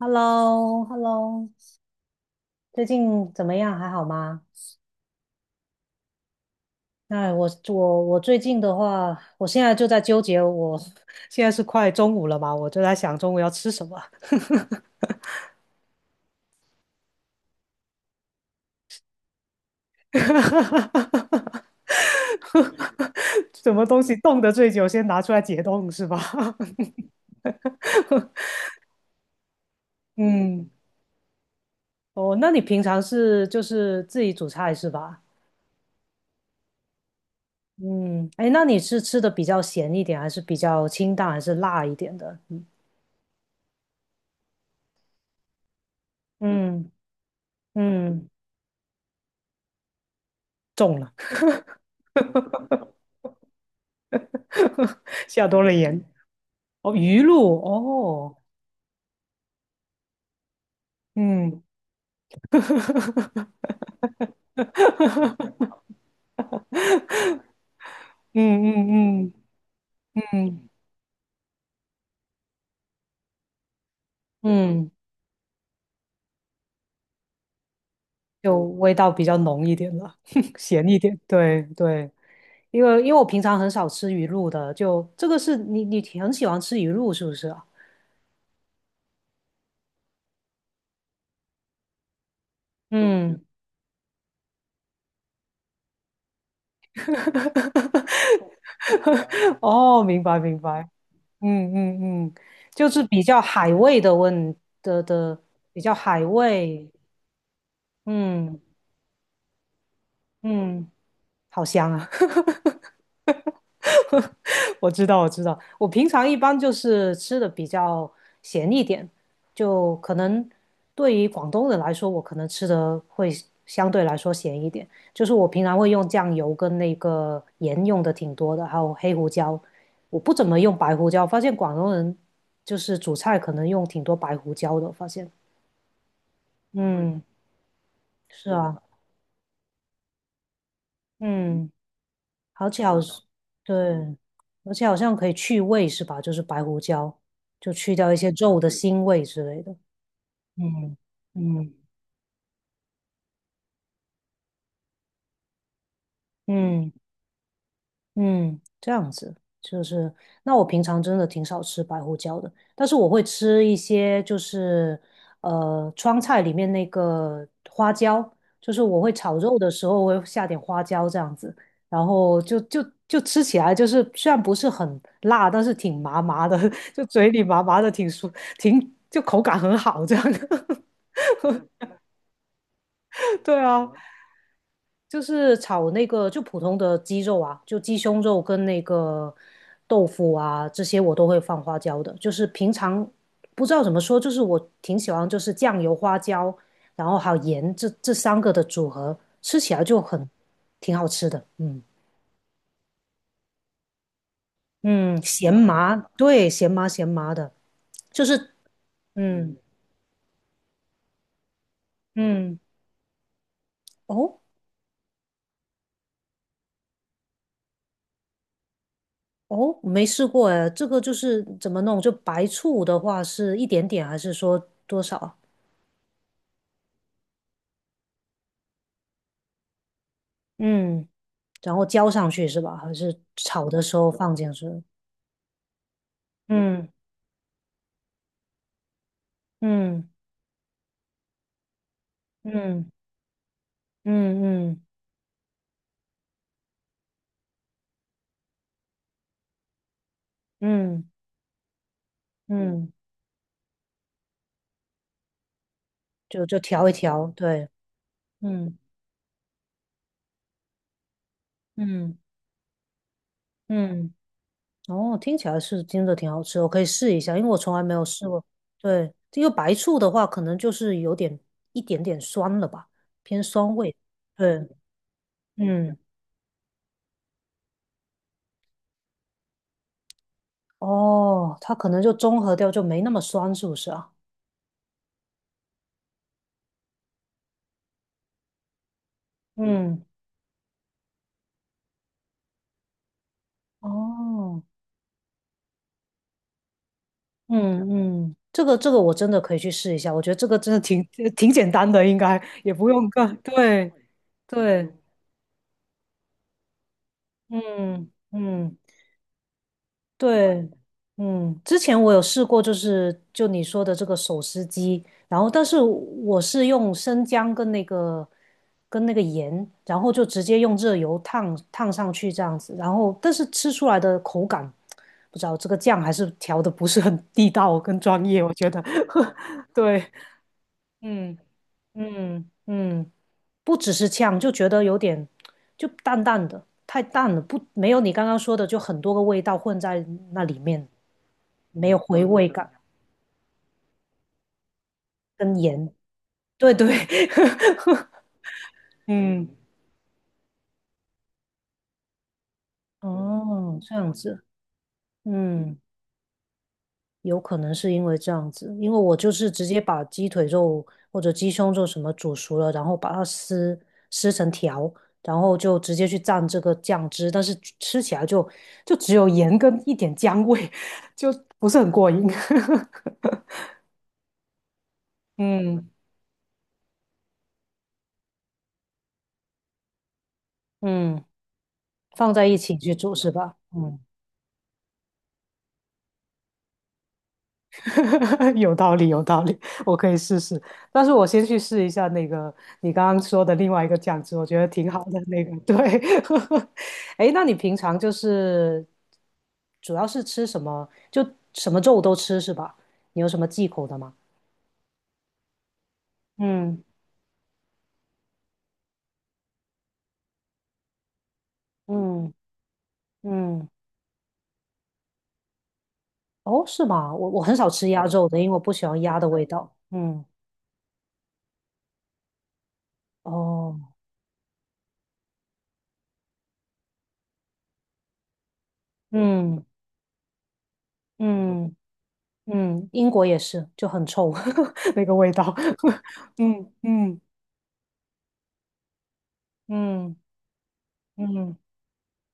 h e l l o h e l l o 最近怎么样？还好吗？那我最近的话，我现在就在纠结我，现在是快中午了嘛，我就在想中午要吃什么，什么东西冻得最久，先拿出来解冻是吧？嗯，哦，那你平常是就是自己煮菜是吧？嗯，哎，那你是吃的比较咸一点，还是比较清淡，还是辣一点的？嗯嗯，中了。下多了盐。哦，鱼露，哦，嗯 嗯嗯嗯嗯嗯，就味道比较浓一点了，咸一点。对对，因为我平常很少吃鱼露的，就这个是你挺很喜欢吃鱼露是不是啊？嗯，哦，明白明白，嗯嗯嗯，就是比较海味的问的，比较海味，嗯嗯，好香啊，我知道，我知道，我平常一般就是吃的比较咸一点，就可能对于广东人来说，我可能吃的会相对来说咸一点。就是我平常会用酱油跟那个盐用的挺多的，还有黑胡椒，我不怎么用白胡椒。发现广东人就是煮菜可能用挺多白胡椒的，发现。嗯，是啊，嗯。而且好对，而且好像可以去味是吧？就是白胡椒，就去掉一些肉的腥味之类的。嗯嗯，嗯。嗯，这样子就是，那我平常真的挺少吃白胡椒的，但是我会吃一些，就是川菜里面那个花椒，就是我会炒肉的时候我会下点花椒这样子，然后就就吃起来就是虽然不是很辣，但是挺麻麻的，就嘴里麻麻的，挺舒，挺就口感很好这样。对啊，就是炒那个就普通的鸡肉啊，就鸡胸肉跟那个豆腐啊，这些我都会放花椒的。就是平常不知道怎么说，就是我挺喜欢就是酱油、花椒，然后还有盐这三个的组合，吃起来就很挺好吃的。嗯嗯，咸麻，对，咸麻咸麻的，就是嗯嗯哦哦，没试过哎，这个就是怎么弄？就白醋的话是一点点还是说多少啊？嗯。然后浇上去是吧？还是炒的时候放进去？嗯嗯嗯嗯嗯嗯嗯，就调一调，对，嗯嗯嗯，哦，听起来是真的挺好吃，我可以试一下，因为我从来没有试过。对，这个白醋的话，可能就是有点一点点酸了吧，偏酸味。对，嗯，哦，它可能就中和掉，就没那么酸，是不是啊？嗯，哦。嗯嗯，这个我真的可以去试一下，我觉得这个真的挺 挺简单的，应该也不用干。对对，嗯嗯对，嗯，之前我有试过，就是就你说的这个手撕鸡，然后但是我是用生姜跟那个盐，然后就直接用热油烫烫上去这样子，然后但是吃出来的口感，不知道这个酱还是调的不是很地道跟专业，我觉得，对，嗯。嗯嗯，不只是呛，就觉得有点就淡淡的，太淡了，不，没有你刚刚说的，就很多个味道混在那里面，没有回味感跟盐。对对，嗯，嗯，哦，这样子，嗯。有可能是因为这样子，因为我就是直接把鸡腿肉或者鸡胸肉什么煮熟了，然后把它撕撕成条，然后就直接去蘸这个酱汁，但是吃起来就只有盐跟一点姜味，就不是很过瘾。嗯嗯，放在一起去煮是吧？嗯 有道理，有道理，我可以试试。但是我先去试一下那个你刚刚说的另外一个酱汁，我觉得挺好的那个。对，哎那你平常就是主要是吃什么？就什么肉都吃是吧？你有什么忌口的吗？嗯嗯嗯，哦，是吗？我很少吃鸭肉的，因为我不喜欢鸭的味道。嗯，哦，嗯嗯嗯，英国也是，就很臭 那个味道。嗯嗯。嗯嗯，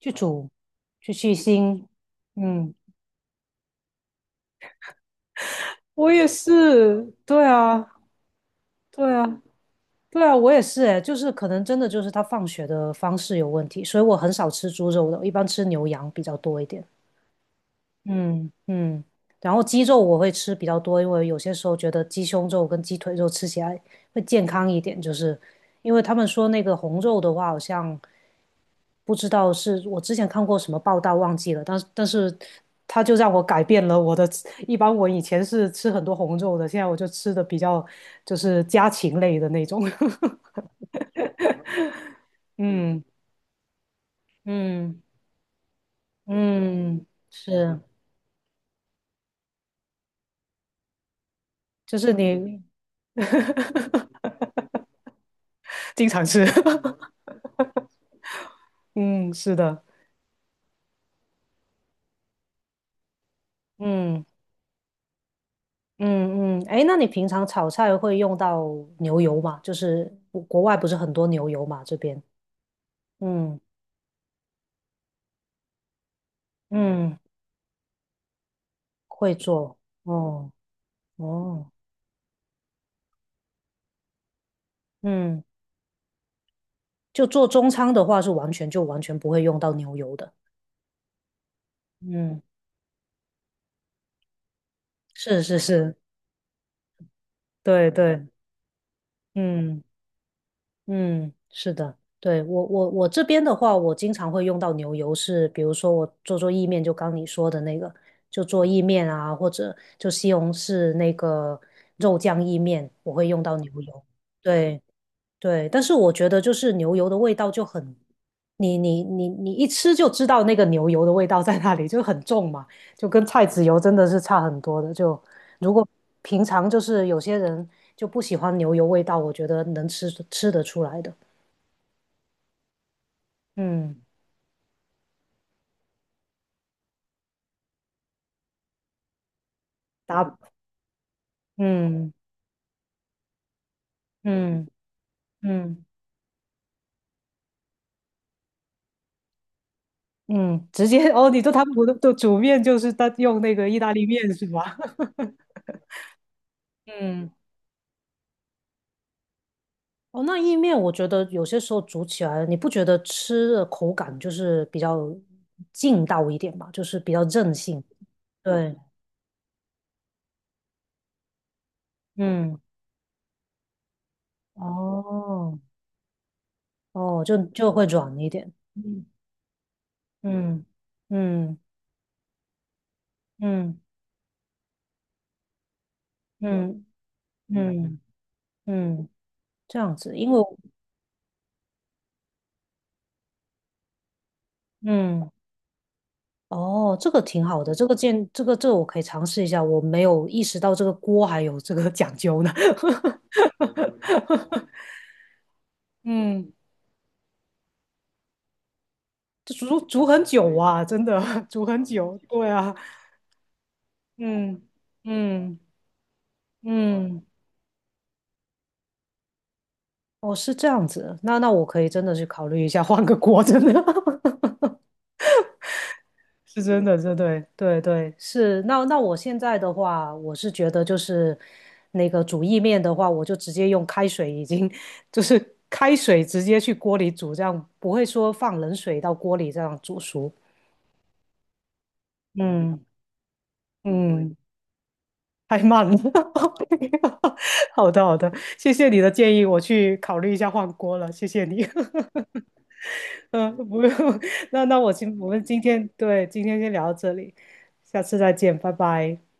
去煮，去腥，嗯，我也是，对啊，对啊，对啊，我也是诶，就是可能真的就是他放血的方式有问题，所以我很少吃猪肉的，我一般吃牛羊比较多一点。嗯嗯，然后鸡肉我会吃比较多，因为有些时候觉得鸡胸肉跟鸡腿肉吃起来会健康一点，就是因为他们说那个红肉的话，好像不知道是我之前看过什么报道忘记了，但是它就让我改变了我的，一般我以前是吃很多红肉的，现在我就吃的比较就是家禽类的那种，嗯嗯嗯，是，就是你 经常吃，嗯，是的。嗯嗯嗯，哎，那你平常炒菜会用到牛油吗？就是国外不是很多牛油嘛，这边，嗯嗯，会做，哦哦，嗯，就做中餐的话是完全就完全不会用到牛油的，嗯，是是是，对对，嗯。嗯，是的，对，我这边的话，我经常会用到牛油是，比如说我做做意面，就刚你说的那个，就做意面啊，或者就西红柿那个肉酱意面，我会用到牛油。对对，但是我觉得就是牛油的味道就很，你一吃就知道那个牛油的味道在那里，就很重嘛，就跟菜籽油真的是差很多的。就如果平常就是有些人就不喜欢牛油味道，我觉得能吃吃得出来的。嗯打嗯嗯嗯嗯，直接哦，你说他们不都煮面就是他用那个意大利面是吧？嗯，哦，那意面我觉得有些时候煮起来，你不觉得吃的口感就是比较劲道一点嘛，就是比较韧性。对，嗯，哦，哦，就会软一点。嗯嗯嗯嗯嗯嗯嗯，这样子，因为我嗯哦，这个挺好的，这个建，这个我可以尝试一下，我没有意识到这个锅还有这个讲究呢。嗯，这煮煮很久啊，真的 煮很久。对啊，嗯嗯嗯，哦，是这样子，那那我可以真的去考虑一下换个锅，真的。是真的，这对对对是。那那我现在的话，我是觉得就是那个煮意面的话，我就直接用开水，已经 就是开水直接去锅里煮，这样不会说放冷水到锅里这样煮熟。嗯嗯，太慢了。好的好的，谢谢你的建议，我去考虑一下换锅了，谢谢你。嗯，不用。那我们今天今天先聊到这里，下次再见，拜拜。